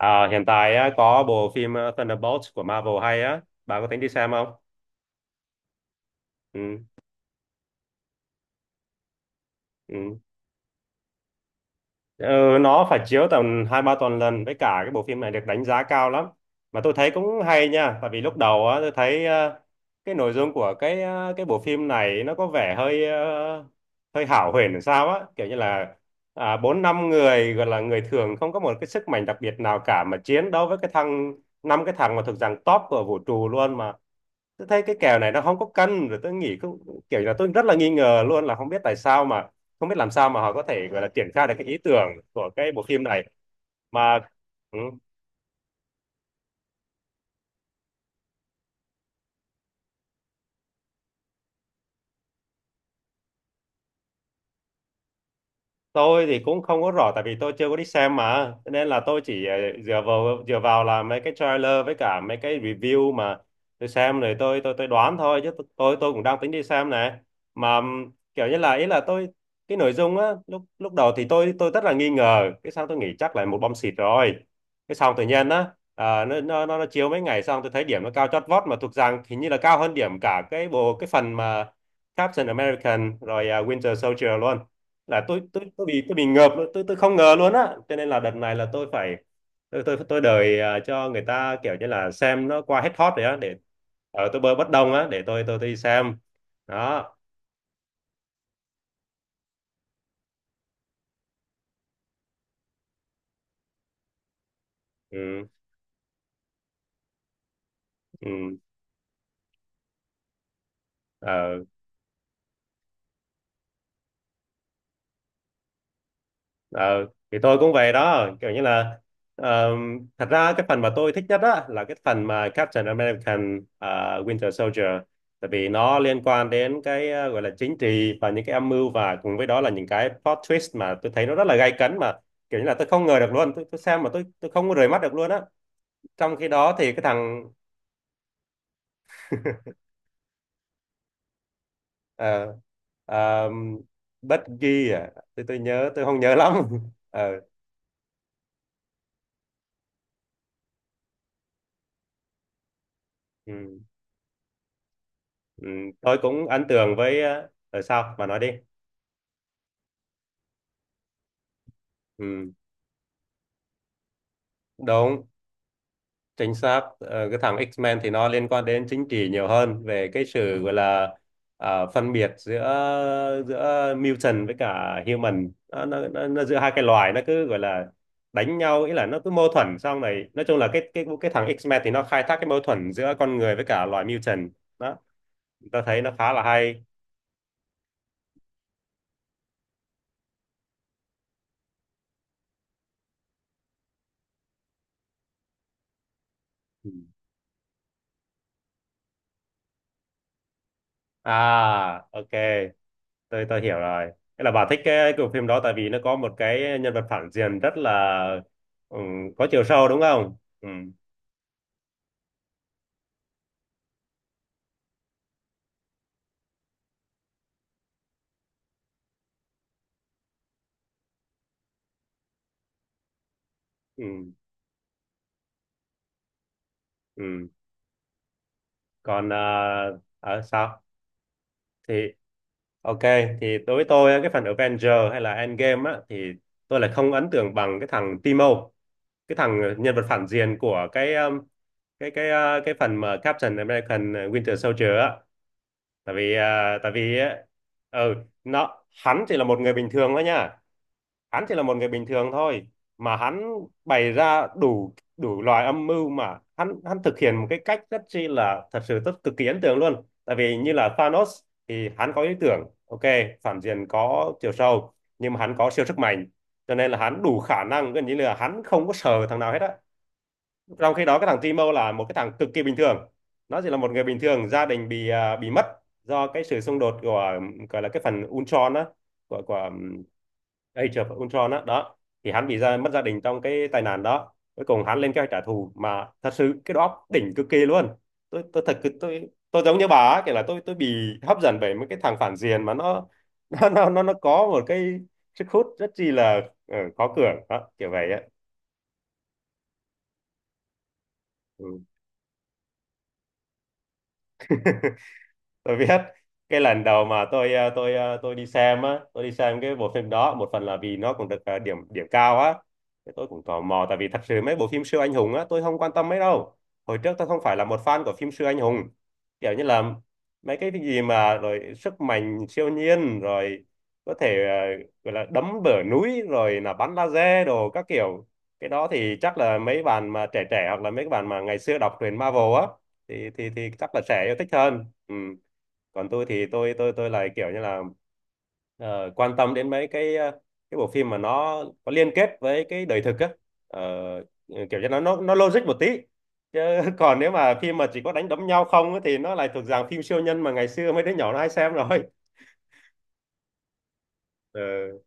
À, hiện tại á, có bộ phim Thunderbolts của Marvel hay á, bà có tính đi xem không? Ừ, ừ. Ờ, nó phải chiếu tầm hai ba tuần lần, với cả cái bộ phim này được đánh giá cao lắm mà tôi thấy cũng hay nha. Tại vì lúc đầu á tôi thấy cái nội dung của cái cái bộ phim này nó có vẻ hơi hơi hão huyền làm sao á, kiểu như là à, bốn năm người gọi là người thường không có một cái sức mạnh đặc biệt nào cả, mà chiến đấu với cái thằng, năm cái thằng mà thuộc dạng top của vũ trụ luôn, mà tôi thấy cái kèo này nó không có cân rồi. Tôi nghĩ cũng kiểu là tôi rất là nghi ngờ luôn, là không biết tại sao mà, không biết làm sao mà họ có thể gọi là triển khai được cái ý tưởng của cái bộ phim này mà. Ừ, tôi thì cũng không có rõ tại vì tôi chưa có đi xem mà, cho nên là tôi chỉ dựa vào là mấy cái trailer với cả mấy cái review mà tôi xem rồi, tôi đoán thôi chứ tôi cũng đang tính đi xem này. Mà kiểu như là, ý là tôi, cái nội dung á lúc lúc đầu thì tôi rất là nghi ngờ, cái xong tôi nghĩ chắc là một bom xịt rồi, cái xong tự nhiên á, à, nó chiếu mấy ngày xong tôi thấy điểm nó cao chót vót, mà thuộc rằng hình như là cao hơn điểm cả cái bộ, cái phần mà Captain American rồi, Winter Soldier luôn. Là tôi bị, tôi bị ngợp luôn, tôi không ngờ luôn á, cho nên là đợt này là tôi phải, tôi đợi cho người ta kiểu như là xem nó qua hết hot rồi á, để ở tôi bơi bất đồng á, để tôi đi xem. Đó. Ừ, ừ. Ờ. Ờ, thì tôi cũng về đó, kiểu như là ờ, thật ra cái phần mà tôi thích nhất á là cái phần mà Captain American Winter Soldier, tại vì nó liên quan đến cái gọi là chính trị, và những cái âm mưu, và cùng với đó là những cái plot twist mà tôi thấy nó rất là gay cấn, mà kiểu như là tôi không ngờ được luôn. Tôi xem mà tôi không có rời mắt được luôn á, trong khi đó thì cái thằng ờ, ờ, Bucky à. Tôi nhớ, tôi không nhớ lắm. Ờ, ừ, ừ. Tôi cũng ấn tượng với sao mà nói đi. Ừ, đúng, chính xác. Ờ, cái thằng X-Men thì nó liên quan đến chính trị nhiều hơn, về cái sự gọi là à, phân biệt giữa giữa mutant với cả human. Nó, nó giữa hai cái loài, nó cứ gọi là đánh nhau, ý là nó cứ mâu thuẫn xong này. Nói chung là cái thằng X-Men thì nó khai thác cái mâu thuẫn giữa con người với cả loài mutant. Đó, ta thấy nó khá là hay. Ừ. À, ok. Tôi hiểu rồi. Thế là bà thích cái bộ phim đó tại vì nó có một cái nhân vật phản diện rất là, ừ, có chiều sâu, đúng không? Ừ, ừ, ừ. Còn sao? Thì ok, thì đối với tôi cái phần Avenger hay là Endgame á thì tôi lại không ấn tượng bằng cái thằng Timo, cái thằng nhân vật phản diện của cái cái phần mà Captain American Winter Soldier á. Tại vì tại vì ừ, nó, hắn chỉ là một người bình thường thôi nha. Hắn chỉ là một người bình thường thôi, mà hắn bày ra đủ đủ loại âm mưu, mà hắn hắn thực hiện một cái cách rất chi là, thật sự rất cực kỳ ấn tượng luôn. Tại vì như là Thanos thì hắn có ý tưởng, ok, phản diện có chiều sâu, nhưng mà hắn có siêu sức mạnh, cho nên là hắn đủ khả năng, gần như là hắn không có sợ thằng nào hết á. Trong khi đó cái thằng Timo là một cái thằng cực kỳ bình thường. Nó chỉ là một người bình thường, gia đình bị, à, bị mất do cái sự xung đột của, gọi là cái phần Ultron á, của Age of Ultron á đó. Thì hắn bị ra mất gia đình trong cái tai nạn đó, cuối cùng hắn lên kế hoạch trả thù, mà thật sự cái đó đỉnh cực kỳ luôn. Tôi thật, tôi giống như bà á, kiểu là tôi bị hấp dẫn bởi mấy cái thằng phản diện mà nó nó có một cái sức hút rất chi là khó cưỡng đó, kiểu vậy á. Ừ. Tôi biết. Cái lần đầu mà tôi tôi tôi đi xem á, tôi đi xem cái bộ phim đó một phần là vì nó cũng được điểm điểm cao á. Thế tôi cũng tò mò, tại vì thật sự mấy bộ phim siêu anh hùng á tôi không quan tâm mấy đâu. Hồi trước tôi không phải là một fan của phim siêu anh hùng. Kiểu như là mấy cái gì mà rồi sức mạnh siêu nhiên rồi, có thể gọi là đấm bờ núi rồi là bắn laser đồ các kiểu. Cái đó thì chắc là mấy bạn mà trẻ trẻ, hoặc là mấy bạn mà ngày xưa đọc truyện Marvel á, thì thì chắc là sẽ yêu thích hơn. Ừ, còn tôi thì tôi lại kiểu như là quan tâm đến mấy cái cái bộ phim mà nó có liên kết với cái đời thực á. Ờ, kiểu như nó logic một tí chứ, còn nếu mà phim mà chỉ có đánh đấm nhau không á, thì nó lại thuộc dạng phim siêu nhân mà ngày xưa mấy đứa nhỏ nó hay xem rồi. Ừ,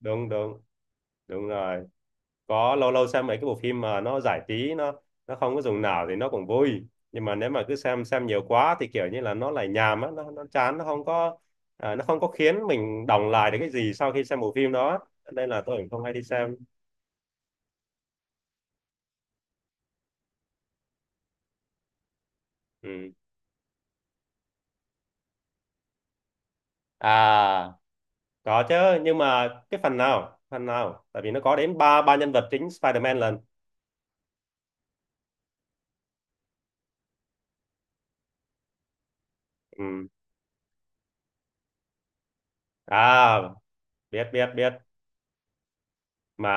đúng, đúng, đúng rồi. Có lâu lâu xem mấy cái bộ phim mà nó giải trí, nó không có dùng não thì nó cũng vui, nhưng mà nếu mà cứ xem nhiều quá thì kiểu như là nó lại nhàm á, nó, chán nó không có à, nó không có khiến mình đọng lại được cái gì sau khi xem bộ phim đó, nên là tôi cũng không hay đi xem. Ừ. À, có chứ. Nhưng mà cái phần nào, phần nào? Tại vì nó có đến ba ba nhân vật chính Spider-Man lần. Ừ. À, biết, biết, biết mà.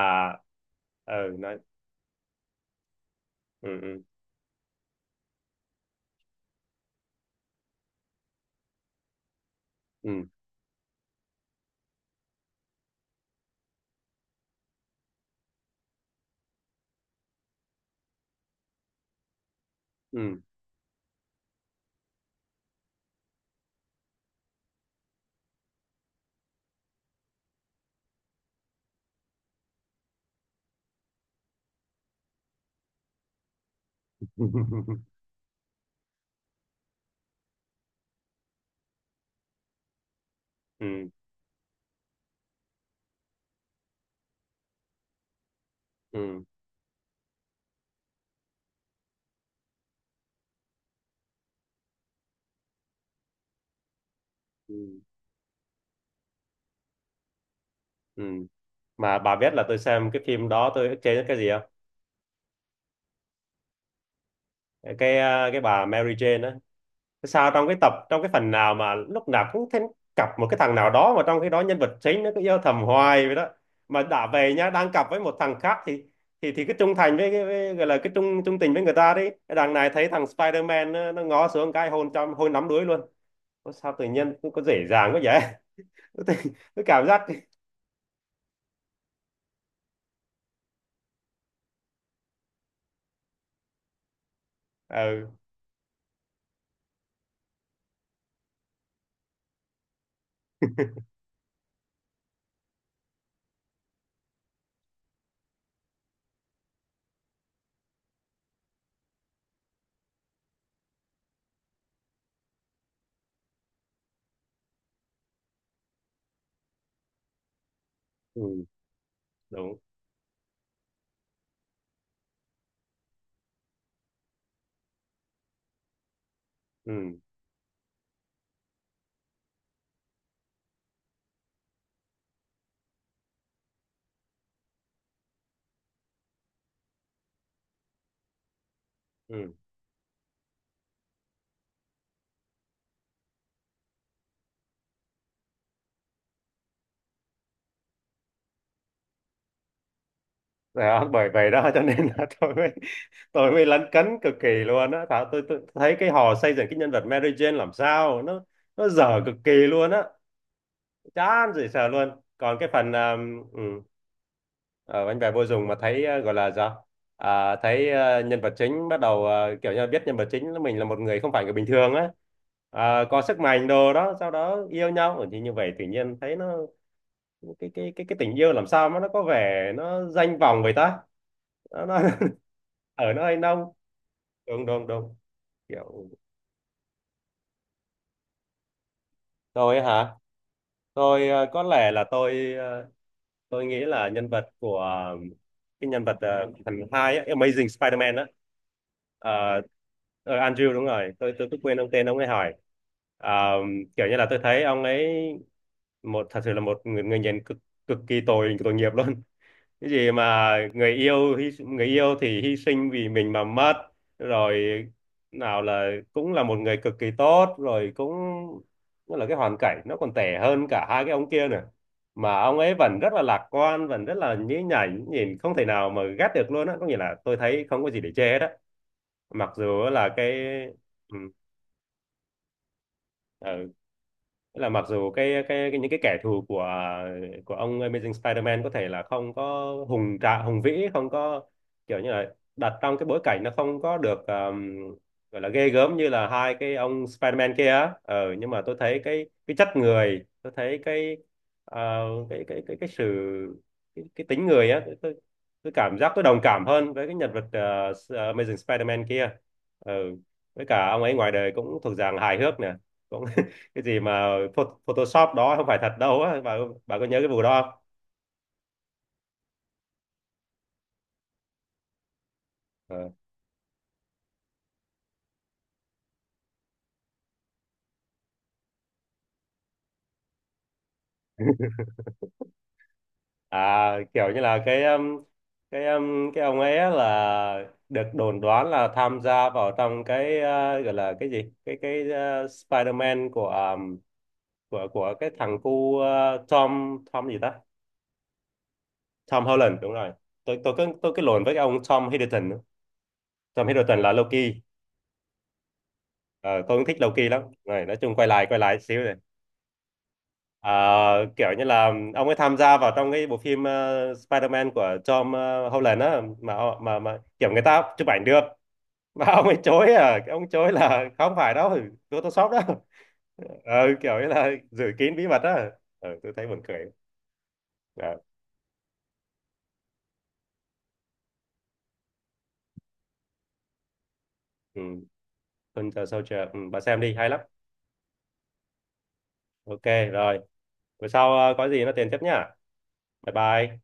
Ừ, nói, ừ, ừ, ừ, ừ. Ừ, ừ, ừ, ừ. Mà bà biết là tôi xem cái phim đó tôi ức chế nhất cái gì không? Cái à, cái bà Mary Jane á. Sao trong cái tập, trong cái phần nào mà lúc nào cũng thấy cặp một cái thằng nào đó, mà trong cái đó nhân vật chính nó cứ yêu thầm hoài vậy đó? Mà đã về nhá, đang cặp với một thằng khác thì, thì cái trung thành với, cái với gọi là cái trung trung tình với người ta đi, cái đằng này thấy thằng Spider-Man nó, ngó xuống cái hôn trong hôn nắm đuối luôn. Ủa sao tự nhiên có dễ dàng quá vậy? tôi, tôi cảm giác. Ừ, ừ. Đúng. Ừ. Ừ. Đó, bởi vậy đó cho nên là tôi mới lấn cấn cực kỳ luôn á. Thảo tôi thấy cái họ xây dựng cái nhân vật Mary Jane làm sao, nó dở cực kỳ luôn á, chán dễ sợ luôn. Còn cái phần ở bánh bè vô dụng, mà thấy gọi là sao, à, thấy nhân vật chính bắt đầu kiểu như là biết nhân vật chính là mình là một người không phải người bình thường á. À, có sức mạnh đồ đó sau đó yêu nhau. Ừ, thì như vậy tự nhiên thấy nó, cái tình yêu làm sao mà nó có vẻ nó danh vọng vậy ta? Nó ở nó hơi nông. Đúng, đúng, đúng. Kiểu. Tôi ấy hả? Tôi có lẽ là tôi tôi nghĩ là nhân vật của cái nhân vật phần hai ấy, Amazing Spider-Man á. Ờ, Andrew, đúng rồi. Tôi cứ quên, ông tên ông ấy hỏi. Ờ, kiểu như là tôi thấy ông ấy một thật sự là một người, người nhìn cực, kỳ tội, nghiệp luôn. Cái gì mà người yêu hy, người yêu thì hy sinh vì mình mà mất rồi, nào là cũng là một người cực kỳ tốt rồi cũng, nó là cái hoàn cảnh nó còn tệ hơn cả hai cái ông kia nữa. Mà ông ấy vẫn rất là lạc quan, vẫn rất là nhí nhảnh, nhìn không thể nào mà ghét được luôn á, có nghĩa là tôi thấy không có gì để chê hết á, mặc dù là cái, ừ, ừ, nghĩa là mặc dù cái những cái kẻ thù của ông Amazing Spider-Man có thể là không có hùng vĩ, không có kiểu như là đặt trong cái bối cảnh nó không có được gọi là ghê gớm như là hai cái ông Spider-Man kia á. Ờ, nhưng mà tôi thấy cái chất người, tôi thấy cái ờ, cái sự, cái tính người á. Tôi, tôi cảm giác tôi đồng cảm hơn với cái nhân vật Amazing Spider-Man kia. Ờ, với cả ông ấy ngoài đời cũng thuộc dạng hài hước nè, cũng cái gì mà Photoshop đó, không phải thật đâu á bà. Bà có nhớ cái vụ đó không? Ờ. À, kiểu như là cái ông ấy á là được đồn đoán là tham gia vào trong cái gọi là cái gì, cái Spider-Man của của cái thằng cu Tom, Tom gì ta? Tom Holland, đúng rồi. Tôi cứ, tôi cứ lộn với cái ông Tom Hiddleston nữa. Tom Hiddleston là Loki. Ờ, tôi cũng thích Loki lắm rồi, nói chung quay lại, xíu Ờ, kiểu như là ông ấy tham gia vào trong cái bộ phim Spider-Man của Tom Holland á, mà kiểu người ta chụp ảnh được, mà ông ấy chối, à, ông chối là không phải đâu, Photoshop đó. Ờ, kiểu như là giữ kín bí mật á. Ờ, tôi thấy buồn cười. À, ừ. Winter Soldier, ừ, bà xem đi, hay lắm. Ok, rồi, bữa sau có gì nó tiền tiếp nhá. Bye bye.